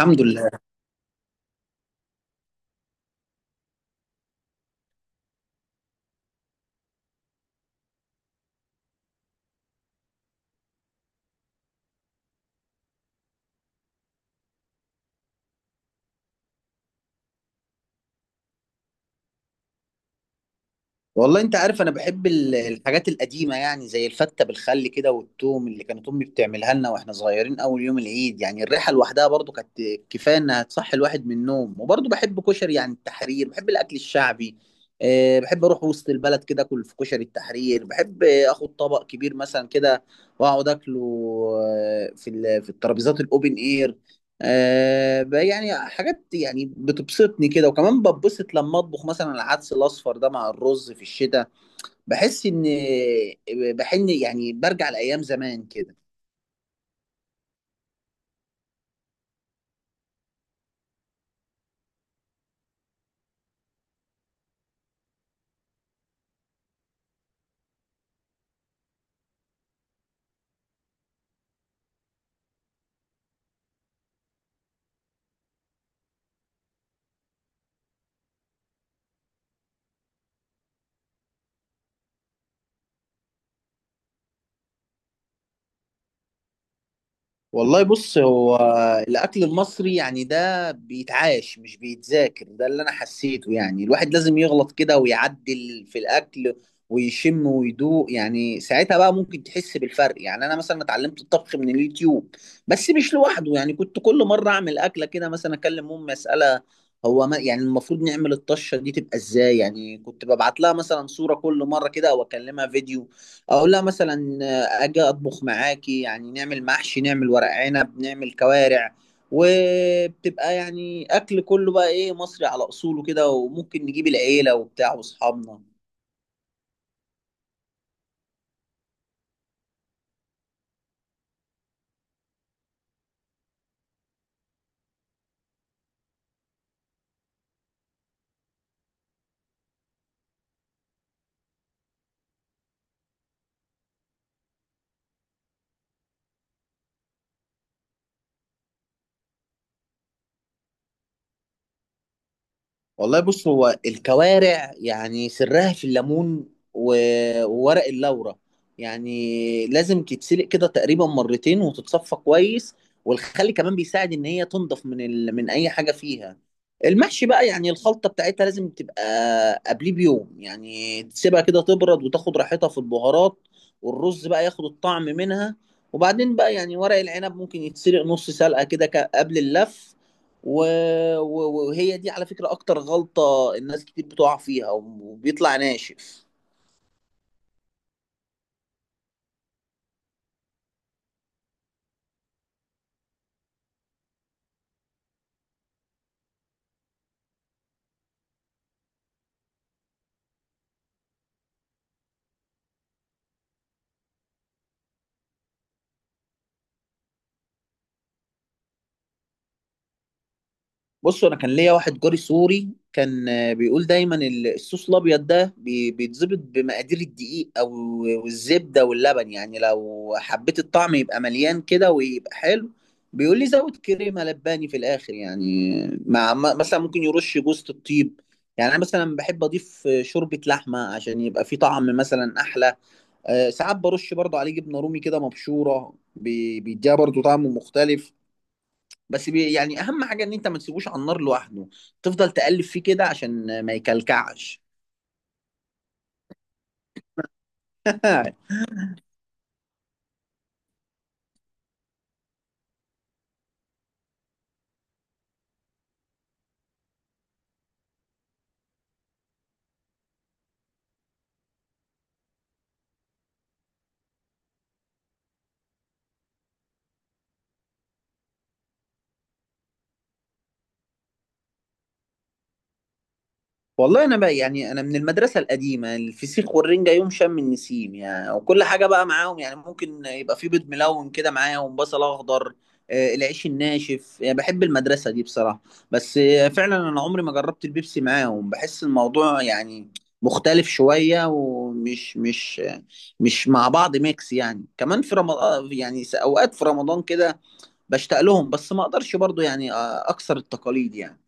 الحمد لله. والله انت عارف انا بحب الحاجات القديمه، يعني زي الفته بالخل كده، والثوم اللي كانت امي بتعملها لنا واحنا صغيرين اول يوم العيد. يعني الريحه لوحدها برضو كانت كفايه انها تصحي الواحد من النوم. وبرضو بحب كشري، يعني التحرير، بحب الاكل الشعبي. بحب اروح وسط البلد كده، اكل في كشري التحرير. بحب اخد طبق كبير مثلا كده واقعد اكله، في الترابيزات الاوبن اير. بقى يعني حاجات يعني بتبسطني كده. وكمان بتبسط لما اطبخ مثلا العدس الاصفر ده مع الرز في الشتاء. بحس ان، بحن يعني، برجع لايام زمان كده. والله بص، هو الأكل المصري يعني ده بيتعاش مش بيتذاكر، ده اللي أنا حسيته. يعني الواحد لازم يغلط كده ويعدل في الأكل، ويشم ويدوق. يعني ساعتها بقى ممكن تحس بالفرق. يعني أنا مثلا اتعلمت الطبخ من اليوتيوب، بس مش لوحده. يعني كنت كل مرة أعمل أكلة كده، مثلا أكلم أمي أسألها: هو ما يعني المفروض نعمل الطشة دي تبقى إزاي؟ يعني كنت ببعت لها مثلا صورة كل مرة كده، أو أكلمها فيديو، اقول لها مثلا اجي اطبخ معاكي، يعني نعمل محشي، نعمل ورق عنب، نعمل كوارع. وبتبقى يعني اكل كله بقى ايه، مصري على اصوله كده. وممكن نجيب العيله وبتاع واصحابنا. والله بص، هو الكوارع يعني سرها في الليمون وورق اللورة. يعني لازم تتسلق كده تقريبا مرتين، وتتصفى كويس. والخل كمان بيساعد ان هي تنضف من اي حاجة فيها. المحشي بقى يعني الخلطة بتاعتها لازم تبقى قبليه بيوم. يعني تسيبها كده تبرد وتاخد راحتها في البهارات، والرز بقى ياخد الطعم منها. وبعدين بقى يعني ورق العنب ممكن يتسلق نص سلقة كده قبل اللف. و... وهي دي على فكرة أكتر غلطة الناس كتير بتقع فيها، وبيطلع ناشف. بص، أنا كان ليا واحد جاري سوري، كان بيقول دايما الصوص الأبيض ده بيتظبط بمقادير الدقيق، أو والزبدة واللبن. يعني لو حبيت الطعم يبقى مليان كده ويبقى حلو، بيقول لي زود كريمة لباني في الآخر، يعني مثلا ممكن يرش جوزة الطيب. يعني أنا مثلا بحب أضيف شوربة لحمة، عشان يبقى فيه طعم مثلا أحلى. ساعات برش برضه عليه جبنه رومي كده مبشوره، بيديها برضه طعم مختلف. بس بي يعني اهم حاجه ان انت ما تسيبوش على النار لوحده، تفضل تقلب فيه كده عشان ما يكلكعش. والله انا بقى، يعني انا من المدرسه القديمه، الفسيخ والرنجه يوم شم النسيم يعني. وكل حاجه بقى معاهم، يعني ممكن يبقى في بيض ملون كده معاهم، بصل اخضر، العيش الناشف. يعني بحب المدرسه دي بصراحه. بس فعلا انا عمري ما جربت البيبسي معاهم، بحس الموضوع يعني مختلف شويه، ومش مش مع بعض ميكس يعني. كمان في رمضان، يعني اوقات في رمضان كده بشتاق لهم، بس ما اقدرش برضو يعني اكسر التقاليد يعني.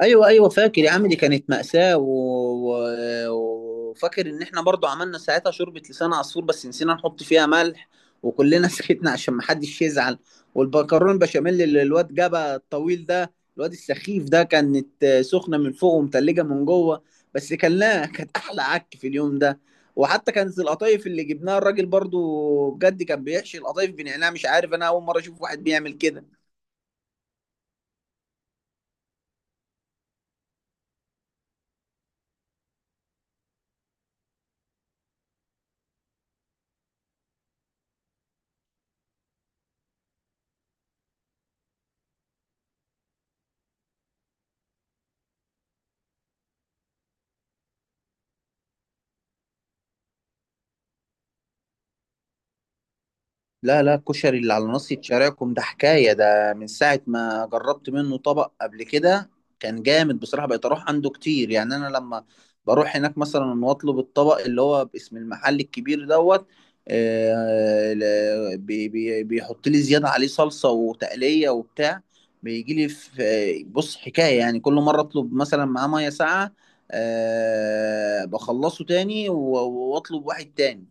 ايوه، ايوه، فاكر يا عم، دي كانت مأساة. وفاكر ان احنا برضو عملنا ساعتها شوربة لسان عصفور، بس نسينا نحط فيها ملح، وكلنا سكتنا عشان محدش يزعل. والبكرون بشاميل اللي الواد جابها الطويل ده، الواد السخيف ده، كانت سخنة من فوق ومتلجة من جوه. بس كان لا، كانت احلى عك في اليوم ده. وحتى كانت القطايف اللي جبناها الراجل برضو بجد كان بيحشي القطايف بنعناع. مش عارف، انا اول مرة اشوف واحد بيعمل كده. لا، لا، الكشري اللي على ناصية شارعكم ده حكاية. ده من ساعة ما جربت منه طبق قبل كده كان جامد بصراحة. بقيت أروح عنده كتير. يعني أنا لما بروح هناك مثلا وأطلب الطبق اللي هو باسم المحل الكبير دوت، بيحط لي زيادة عليه صلصة وتقلية وبتاع. بيجي لي في، بص، حكاية يعني. كل مرة أطلب مثلا معاه مية ساقعة، بخلصه تاني وأطلب واحد تاني.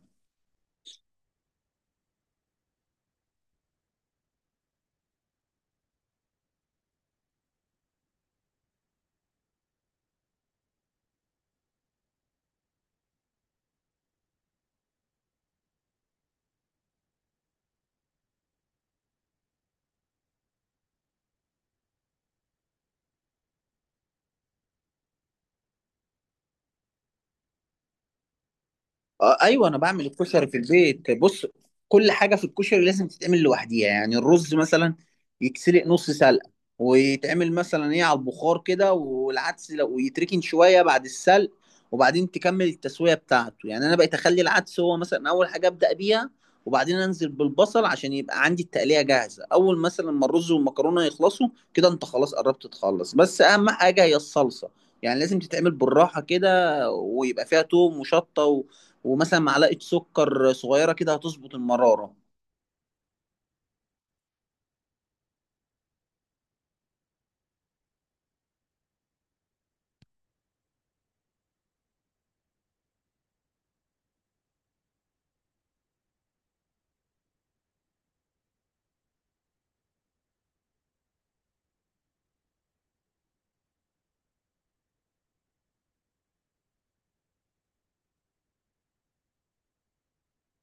آه، ايوه، انا بعمل الكشري في البيت. بص، كل حاجه في الكشري لازم تتعمل لوحديها. يعني الرز مثلا يتسلق نص سلقه، ويتعمل مثلا ايه على البخار كده. والعدس لو، ويتركن شويه بعد السلق، وبعدين تكمل التسويه بتاعته. يعني انا بقيت اخلي العدس هو مثلا اول حاجه ابدا بيها، وبعدين انزل بالبصل عشان يبقى عندي التقليه جاهزه اول مثلا ما الرز والمكرونه يخلصوا. كده انت خلاص قربت تخلص. بس اهم حاجه هي الصلصه، يعني لازم تتعمل بالراحه كده، ويبقى فيها توم وشطه، ومثلا معلقه سكر صغيره كده هتظبط المراره.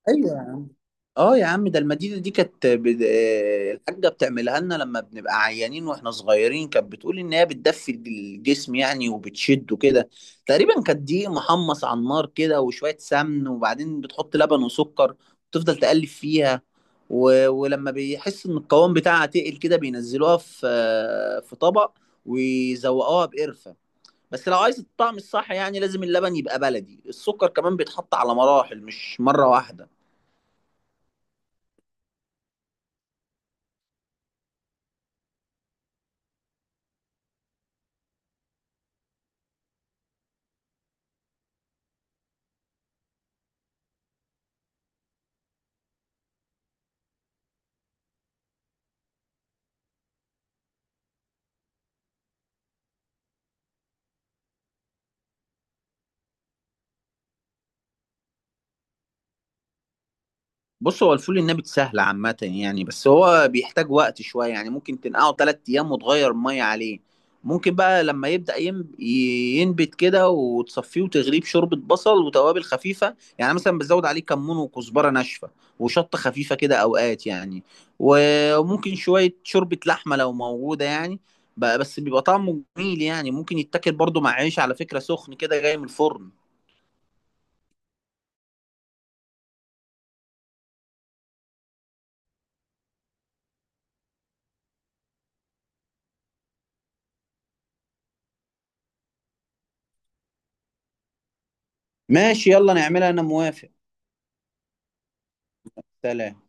ايوه. اه يا عم، ده المديده دي كانت بد... آه، الحاجه بتعملها لنا لما بنبقى عيانين واحنا صغيرين. كانت بتقول ان هي بتدفي الجسم يعني، وبتشده كده. تقريبا كانت دقيق محمص على النار كده، وشويه سمن، وبعدين بتحط لبن وسكر، وتفضل تقلب فيها. ولما بيحس ان القوام بتاعها تقل كده، بينزلوها في طبق، ويزوقوها بقرفه. بس لو عايز الطعم الصح، يعني لازم اللبن يبقى بلدي، السكر كمان بيتحط على مراحل مش مرة واحدة. بص، هو الفول النابت سهل عامة يعني، بس هو بيحتاج وقت شوية. يعني ممكن تنقعه 3 أيام وتغير المية عليه. ممكن بقى لما يبدأ ينبت كده، وتصفيه وتغليه بشوربة بصل وتوابل خفيفة. يعني مثلا بتزود عليه كمون وكزبرة ناشفة وشطة خفيفة كده أوقات يعني. وممكن شوية شوربة لحمة لو موجودة يعني. بقى بس بيبقى طعمه جميل. يعني ممكن يتاكل برضه مع عيش على فكرة سخن كده جاي من الفرن. ماشي، يلا نعملها، أنا موافق. سلام.